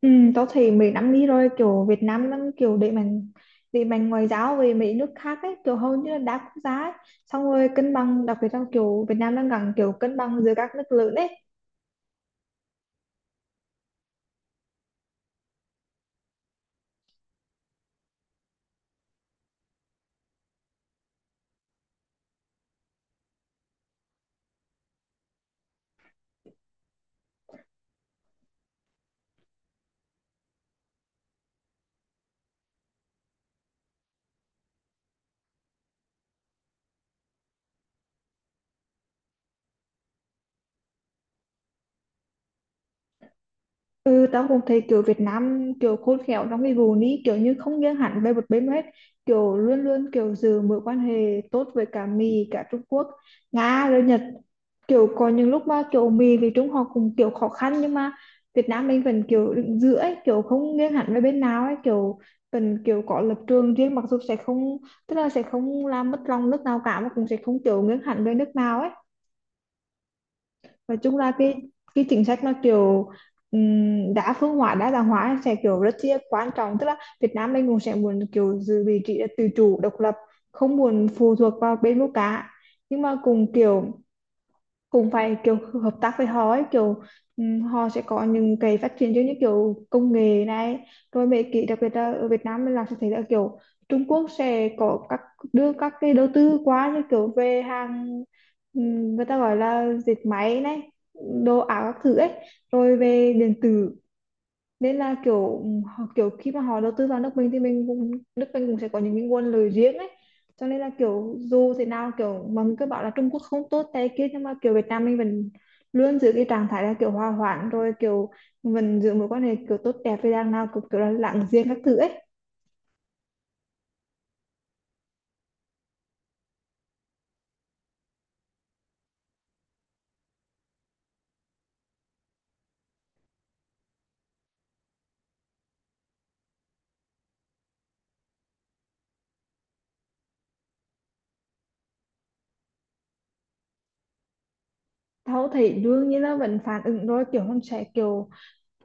Ừ, tao thấy mấy năm đi rồi kiểu Việt Nam đang kiểu đẩy mạnh ngoại giao về mấy nước khác ấy, kiểu hầu như là đa quốc gia ấy. Xong rồi cân bằng, đặc biệt trong kiểu Việt Nam đang gần kiểu cân bằng giữa các nước lớn ấy. Ừ, tao cũng thấy kiểu Việt Nam kiểu khôn khéo trong cái vụนี้, kiểu như không nghiêng hẳn về một bên hết, kiểu luôn luôn kiểu giữ mối quan hệ tốt với cả Mỹ, cả Trung Quốc, Nga rồi Nhật. Kiểu có những lúc mà kiểu Mỹ với Trung họ cũng kiểu khó khăn nhưng mà Việt Nam mình vẫn kiểu đứng giữa ấy, kiểu không nghiêng hẳn về bên nào ấy, kiểu vẫn kiểu có lập trường riêng, mặc dù sẽ không, tức là sẽ không làm mất lòng nước nào cả mà cũng sẽ không kiểu nghiêng hẳn về nước nào ấy. Và chung là cái chính sách nó kiểu đa phương hóa, đa dạng hóa, sẽ kiểu rất là quan trọng, tức là Việt Nam mình cũng sẽ muốn kiểu giữ vị trí là tự chủ độc lập, không muốn phụ thuộc vào bên nước cả, nhưng mà cùng kiểu, cũng phải kiểu hợp tác với họ ấy, kiểu họ sẽ có những cái phát triển giống như kiểu công nghệ này, rồi mấy cái đặc biệt là ở Việt Nam mình làm sẽ thấy là kiểu Trung Quốc sẽ có các, đưa các cái đầu tư quá như kiểu về hàng, người ta gọi là dệt máy này, đồ ảo các thứ ấy, rồi về điện tử. Nên là kiểu họ kiểu khi mà họ đầu tư vào nước mình thì mình cũng, nước mình cũng sẽ có những cái nguồn lời riêng ấy. Cho nên là kiểu dù thế nào, kiểu mà mình cứ bảo là Trung Quốc không tốt tay kia nhưng mà kiểu Việt Nam mình vẫn luôn giữ cái trạng thái là kiểu hòa hoãn, rồi kiểu mình giữ mối quan hệ kiểu tốt đẹp với đằng nào, kiểu, kiểu là lặng giềng các thứ ấy. Tao thấy đương nhiên là vẫn phản ứng rồi, kiểu không sẽ kiểu,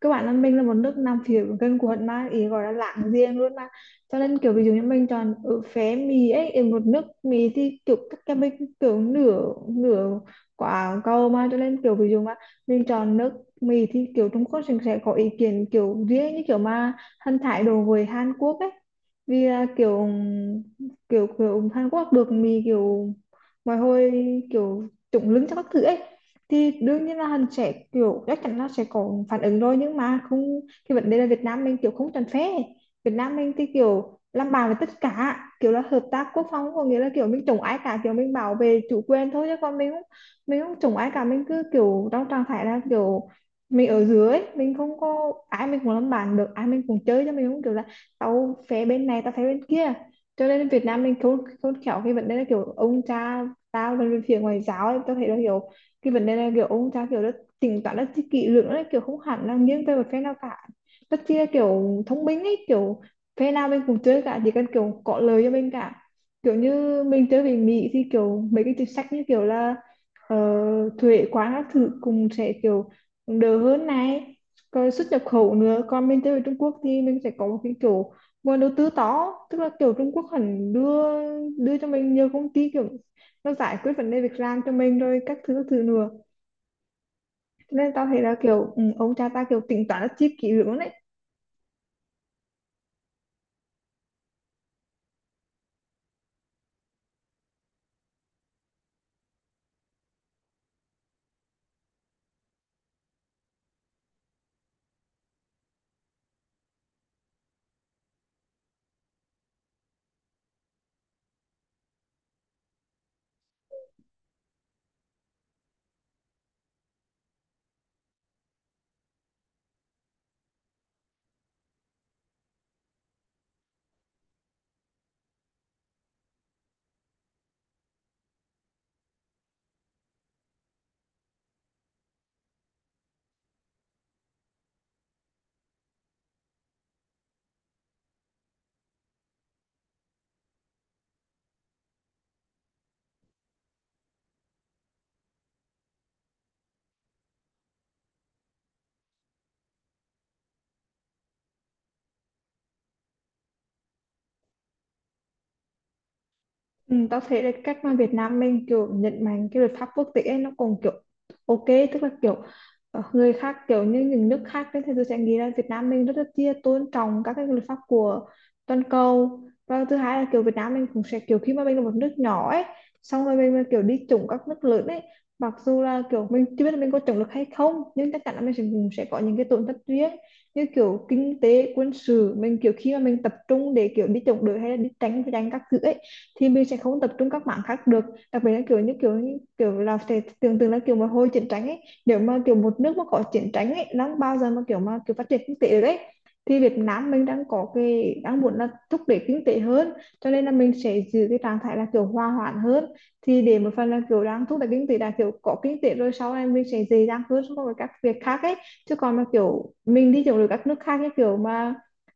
các bạn là minh là một nước Nam phiểu gần quận mà ý gọi là láng giềng luôn mà, cho nên kiểu ví dụ như mình chọn ở phé mì ấy, ở một nước mì thì kiểu các cái mình kiểu nửa nửa quả cầu mà, cho nên kiểu ví dụ mà mình chọn nước mì thì kiểu Trung Quốc sẽ có ý kiến kiểu riêng, như kiểu mà thân thái đồ với Hàn Quốc ấy, vì là kiểu kiểu kiểu Hàn Quốc được mì kiểu mọi hồi kiểu trụng lưng cho các thứ ấy. Thì đương nhiên là hắn sẽ kiểu chắc chắn là sẽ có phản ứng rồi, nhưng mà không, cái vấn đề là Việt Nam mình kiểu không tránh phế, Việt Nam mình thì kiểu làm bạn với tất cả, kiểu là hợp tác quốc phòng có nghĩa là kiểu mình chống ai cả, kiểu mình bảo vệ chủ quyền thôi, chứ còn mình không, mình không chống ai cả, mình cứ kiểu trong trạng thái là kiểu mình ở dưới mình không có ai, mình cũng làm bạn được, ai mình cũng chơi cho, mình không kiểu là tao phé bên này tao phé bên kia. Cho nên Việt Nam mình khôn khôn khéo cái vấn đề là kiểu ông cha, tao là về phía ngoại giao ấy, tao thấy là hiểu cái vấn đề này, kiểu ông cha kiểu rất tính toán, rất kỹ lưỡng đấy, kiểu không hẳn là nghiêng về một phe nào cả, rất chi là kiểu thông minh ấy, kiểu phe nào mình cũng chơi cả, chỉ cần kiểu có lời cho mình cả. Kiểu như mình chơi về Mỹ thì kiểu mấy cái chính sách như kiểu là ờ, thuế quá các thứ cùng sẽ kiểu đỡ hơn này, rồi xuất nhập khẩu nữa. Còn mình chơi về Trung Quốc thì mình sẽ có một cái kiểu nguồn đầu tư to, tức là kiểu Trung Quốc hẳn đưa, đưa cho mình nhiều công ty, kiểu nó giải quyết vấn đề việc làm cho mình, rồi các thứ nữa. Thế nên tao thấy là kiểu ông cha ta kiểu tính toán rất chi kỹ lưỡng đấy. Ừ, tao thấy là cách mà Việt Nam mình kiểu nhấn mạnh cái luật pháp quốc tế ấy, nó còn kiểu ok, tức là kiểu người khác kiểu như những nước khác ấy, thì tôi sẽ nghĩ là Việt Nam mình rất là chia tôn trọng các cái luật pháp của toàn cầu. Và thứ hai là kiểu Việt Nam mình cũng sẽ kiểu khi mà mình là một nước nhỏ ấy, xong rồi mình mà kiểu đi chủng các nước lớn ấy, mặc dù là kiểu mình chưa biết là mình có chủng được hay không, nhưng chắc chắn là mình sẽ, cũng sẽ có những cái tổn thất riêng, như kiểu kinh tế quân sự, mình kiểu khi mà mình tập trung để kiểu đi chống đối hay là đi tránh tranh các thứ ấy thì mình sẽ không tập trung các mảng khác được. Đặc biệt là kiểu như kiểu là sẽ tưởng tượng là kiểu mà hồi chiến tranh ấy, nếu mà kiểu một nước mà có chiến tranh ấy, nó bao giờ mà kiểu phát triển kinh tế đấy. Thì Việt Nam mình đang có cái đang muốn là thúc đẩy kinh tế hơn, cho nên là mình sẽ giữ cái trạng thái là kiểu hòa hoãn hơn, thì để một phần là kiểu đang thúc đẩy kinh tế, là kiểu có kinh tế rồi sau này mình sẽ dễ dàng hơn so với các việc khác ấy. Chứ còn mà kiểu mình đi kiểu được các nước khác, như kiểu mà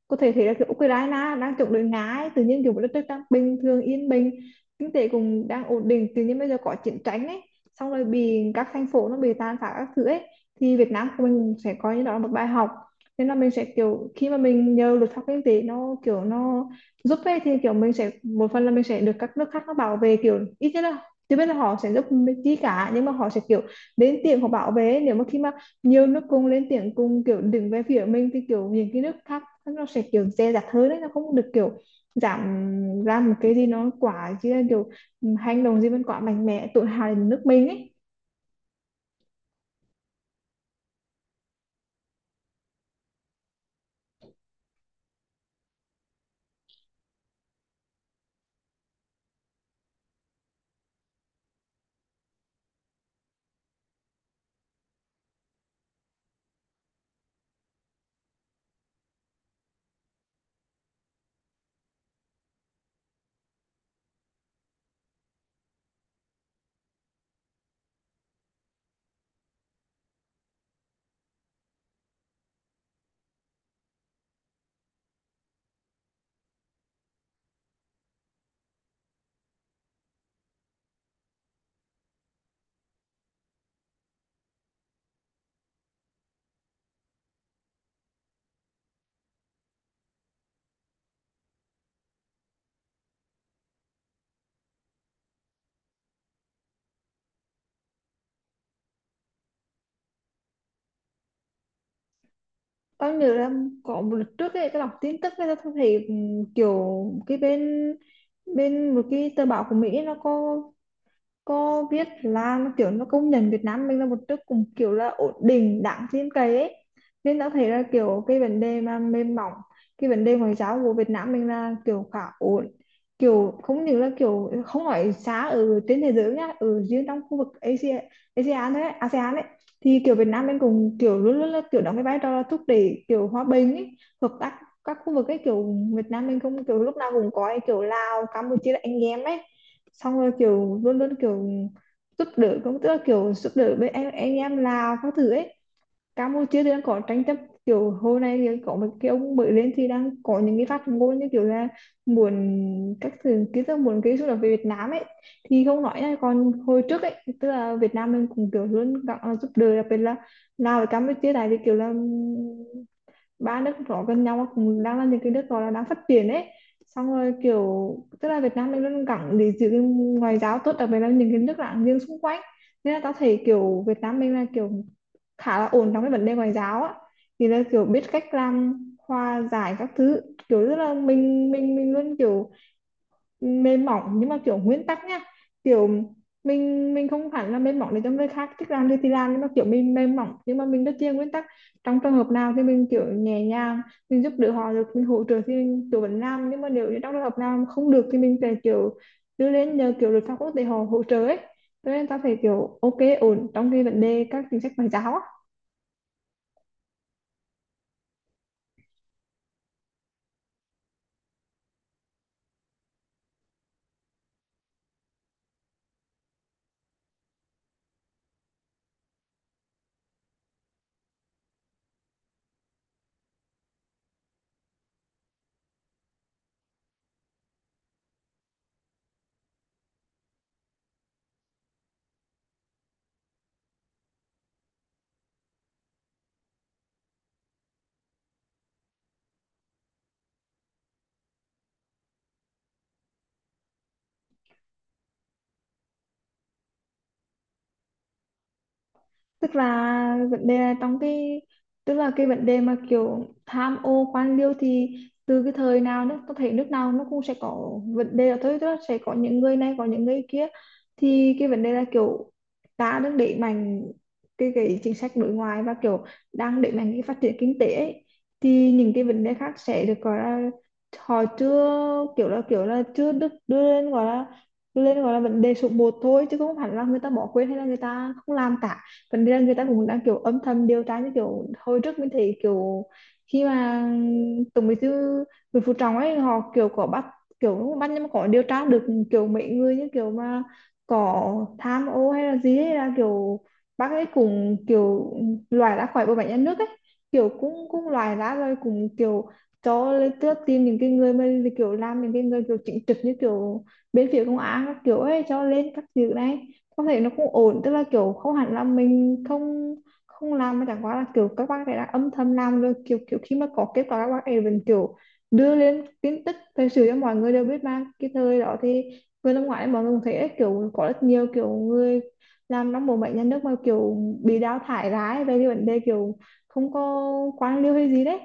có thể thấy là kiểu Ukraine đang chống đối Nga ấy, tự nhiên kiểu một đất nước đang bình thường yên bình, kinh tế cũng đang ổn định, tự nhiên bây giờ có chiến tranh ấy, xong rồi bị các thành phố nó bị tàn phá các thứ ấy. Thì Việt Nam của mình sẽ coi như đó là một bài học, nên là mình sẽ kiểu khi mà mình nhờ luật pháp kinh tế nó kiểu nó giúp ấy, thì kiểu mình sẽ một phần là mình sẽ được các nước khác nó bảo vệ, kiểu ít nhất là chưa biết là họ sẽ giúp mình chi cả, nhưng mà họ sẽ kiểu đến tiếng họ bảo vệ. Nếu mà khi mà nhiều nước cùng lên tiếng, cùng kiểu đứng về phía mình, thì kiểu những cái nước khác nó sẽ kiểu dè dặt hơn đấy, nó không được kiểu giảm ra một cái gì nó quá, chứ là kiểu hành động gì mình quá mạnh mẽ tự hào đến nước mình ấy. Tao nhớ là có một lần trước ấy, tao đọc tin tức ấy, tao thấy kiểu cái bên, một cái tờ báo của Mỹ ấy, nó có biết là nó kiểu nó công nhận Việt Nam mình là một nước cùng kiểu là ổn định đáng tin cậy ấy. Nên đã thấy là kiểu cái vấn đề mà mềm mỏng, cái vấn đề ngoại giao của Việt Nam mình là kiểu khá ổn, kiểu không những là kiểu không phải xa ở trên thế giới nhá, ở riêng trong khu vực Asia, ASEAN đấy, ASEAN ấy, thì kiểu Việt Nam mình cũng kiểu luôn luôn là kiểu đóng cái vai trò là thúc đẩy kiểu hòa bình ấy, hợp tác các khu vực ấy. Kiểu Việt Nam mình không kiểu lúc nào cũng có ấy, kiểu Lào Campuchia là anh em ấy, xong rồi kiểu luôn luôn kiểu giúp đỡ cũng, tức là kiểu giúp đỡ với anh em Lào các thứ ấy. Campuchia thì đang có tranh chấp, kiểu hồi nay thì có một cái ông mới lên thì đang có những cái phát ngôn như kiểu là muốn các thứ ký, tức muốn cái xung đột về Việt Nam ấy, thì không nói nha. Còn hồi trước ấy, tức là Việt Nam mình cũng kiểu luôn giúp đỡ, đặc biệt là Lào và Campuchia, tại vì kiểu là ba nước đó gần nhau mà cũng đang là những cái nước gọi là đang phát triển ấy. Xong rồi kiểu tức là Việt Nam đang rất gắng để giữ cái ngoại giao tốt, đặc biệt là những cái nước láng giềng xung quanh, nên là tao thấy kiểu Việt Nam mình là kiểu khá là ổn trong cái vấn đề ngoại giao á, thì là kiểu biết cách làm hòa giải các thứ, kiểu rất là mình luôn kiểu mềm mỏng nhưng mà kiểu nguyên tắc nhá, kiểu mình không hẳn là mềm mỏng để cho người khác thích làm gì thì làm, nhưng mà kiểu mình mềm mỏng nhưng mà mình rất chia nguyên tắc. Trong trường hợp nào thì mình kiểu nhẹ nhàng, mình giúp đỡ họ được, mình hỗ trợ thì mình kiểu vẫn làm, nhưng mà nếu như trong trường hợp nào mà không được thì mình sẽ kiểu đưa lên nhờ kiểu luật pháp quốc tế họ hỗ trợ ấy. Cho nên ta phải kiểu ok, ổn trong cái vấn đề các chính sách ngoại giao á. Tức là vấn đề là trong cái, tức là cái vấn đề mà kiểu tham ô quan liêu thì từ cái thời nào nó có thể, nước nào nó cũng sẽ có vấn đề là thôi, tức là sẽ có những người này có những người kia. Thì cái vấn đề là kiểu ta đang đẩy mạnh cái chính sách đối ngoại và kiểu đang đẩy mạnh cái phát triển kinh tế ấy, thì những cái vấn đề khác sẽ được gọi là, họ chưa, kiểu là chưa được đưa lên gọi là, đưa lên gọi là vấn đề số một thôi, chứ không hẳn là người ta bỏ quên hay là người ta không làm cả. Phần ra người ta cũng đang kiểu âm thầm điều tra, như kiểu hồi trước mình thấy kiểu khi mà Tổng Bí thư Nguyễn Phú Trọng ấy, họ kiểu có bắt, kiểu không bắt nhưng mà có điều tra được kiểu mấy người như kiểu mà có tham ô hay là gì ấy, là kiểu bác ấy cũng kiểu loại ra khỏi bộ máy nhà nước ấy, kiểu cũng cũng loại ra rồi cũng kiểu cho lên tước, tìm những cái người mà kiểu làm, những cái người kiểu chính trực như kiểu bên phía công an các kiểu ấy cho lên các việc này. Không thể, nó cũng ổn, tức là kiểu không hẳn là mình không, không làm, mà chẳng qua là kiểu các bác ấy đã âm thầm làm rồi, kiểu kiểu khi mà có kết quả các bác ấy vẫn kiểu đưa lên tin tức thời sự cho mọi người đều biết. Mà cái thời đó thì vừa năm ngoái mọi người cũng thấy đấy, kiểu có rất nhiều kiểu người làm trong bộ bệnh nhà nước mà kiểu bị đào thải ra ấy, về cái vấn đề kiểu không có, quan liêu hay gì đấy.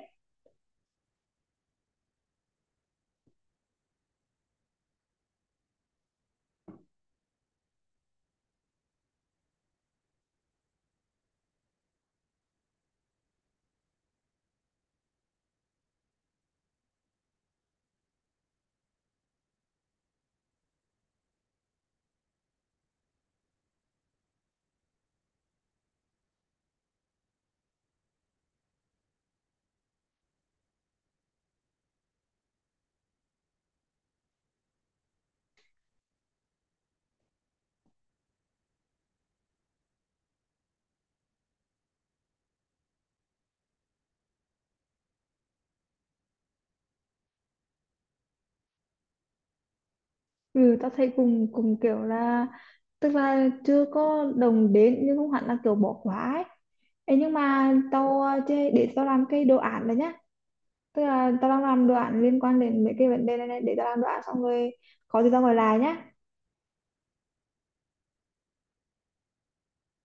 Ừ, tao thấy cùng cùng kiểu là, tức là chưa có đồng đến nhưng không hẳn là kiểu bỏ quá ấy. Ê, nhưng mà tao để tao làm cái đồ án đấy nhá, tức là tao đang làm đồ án liên quan đến mấy cái vấn đề này, này để tao làm đồ án xong rồi có gì tao gọi lại nhá.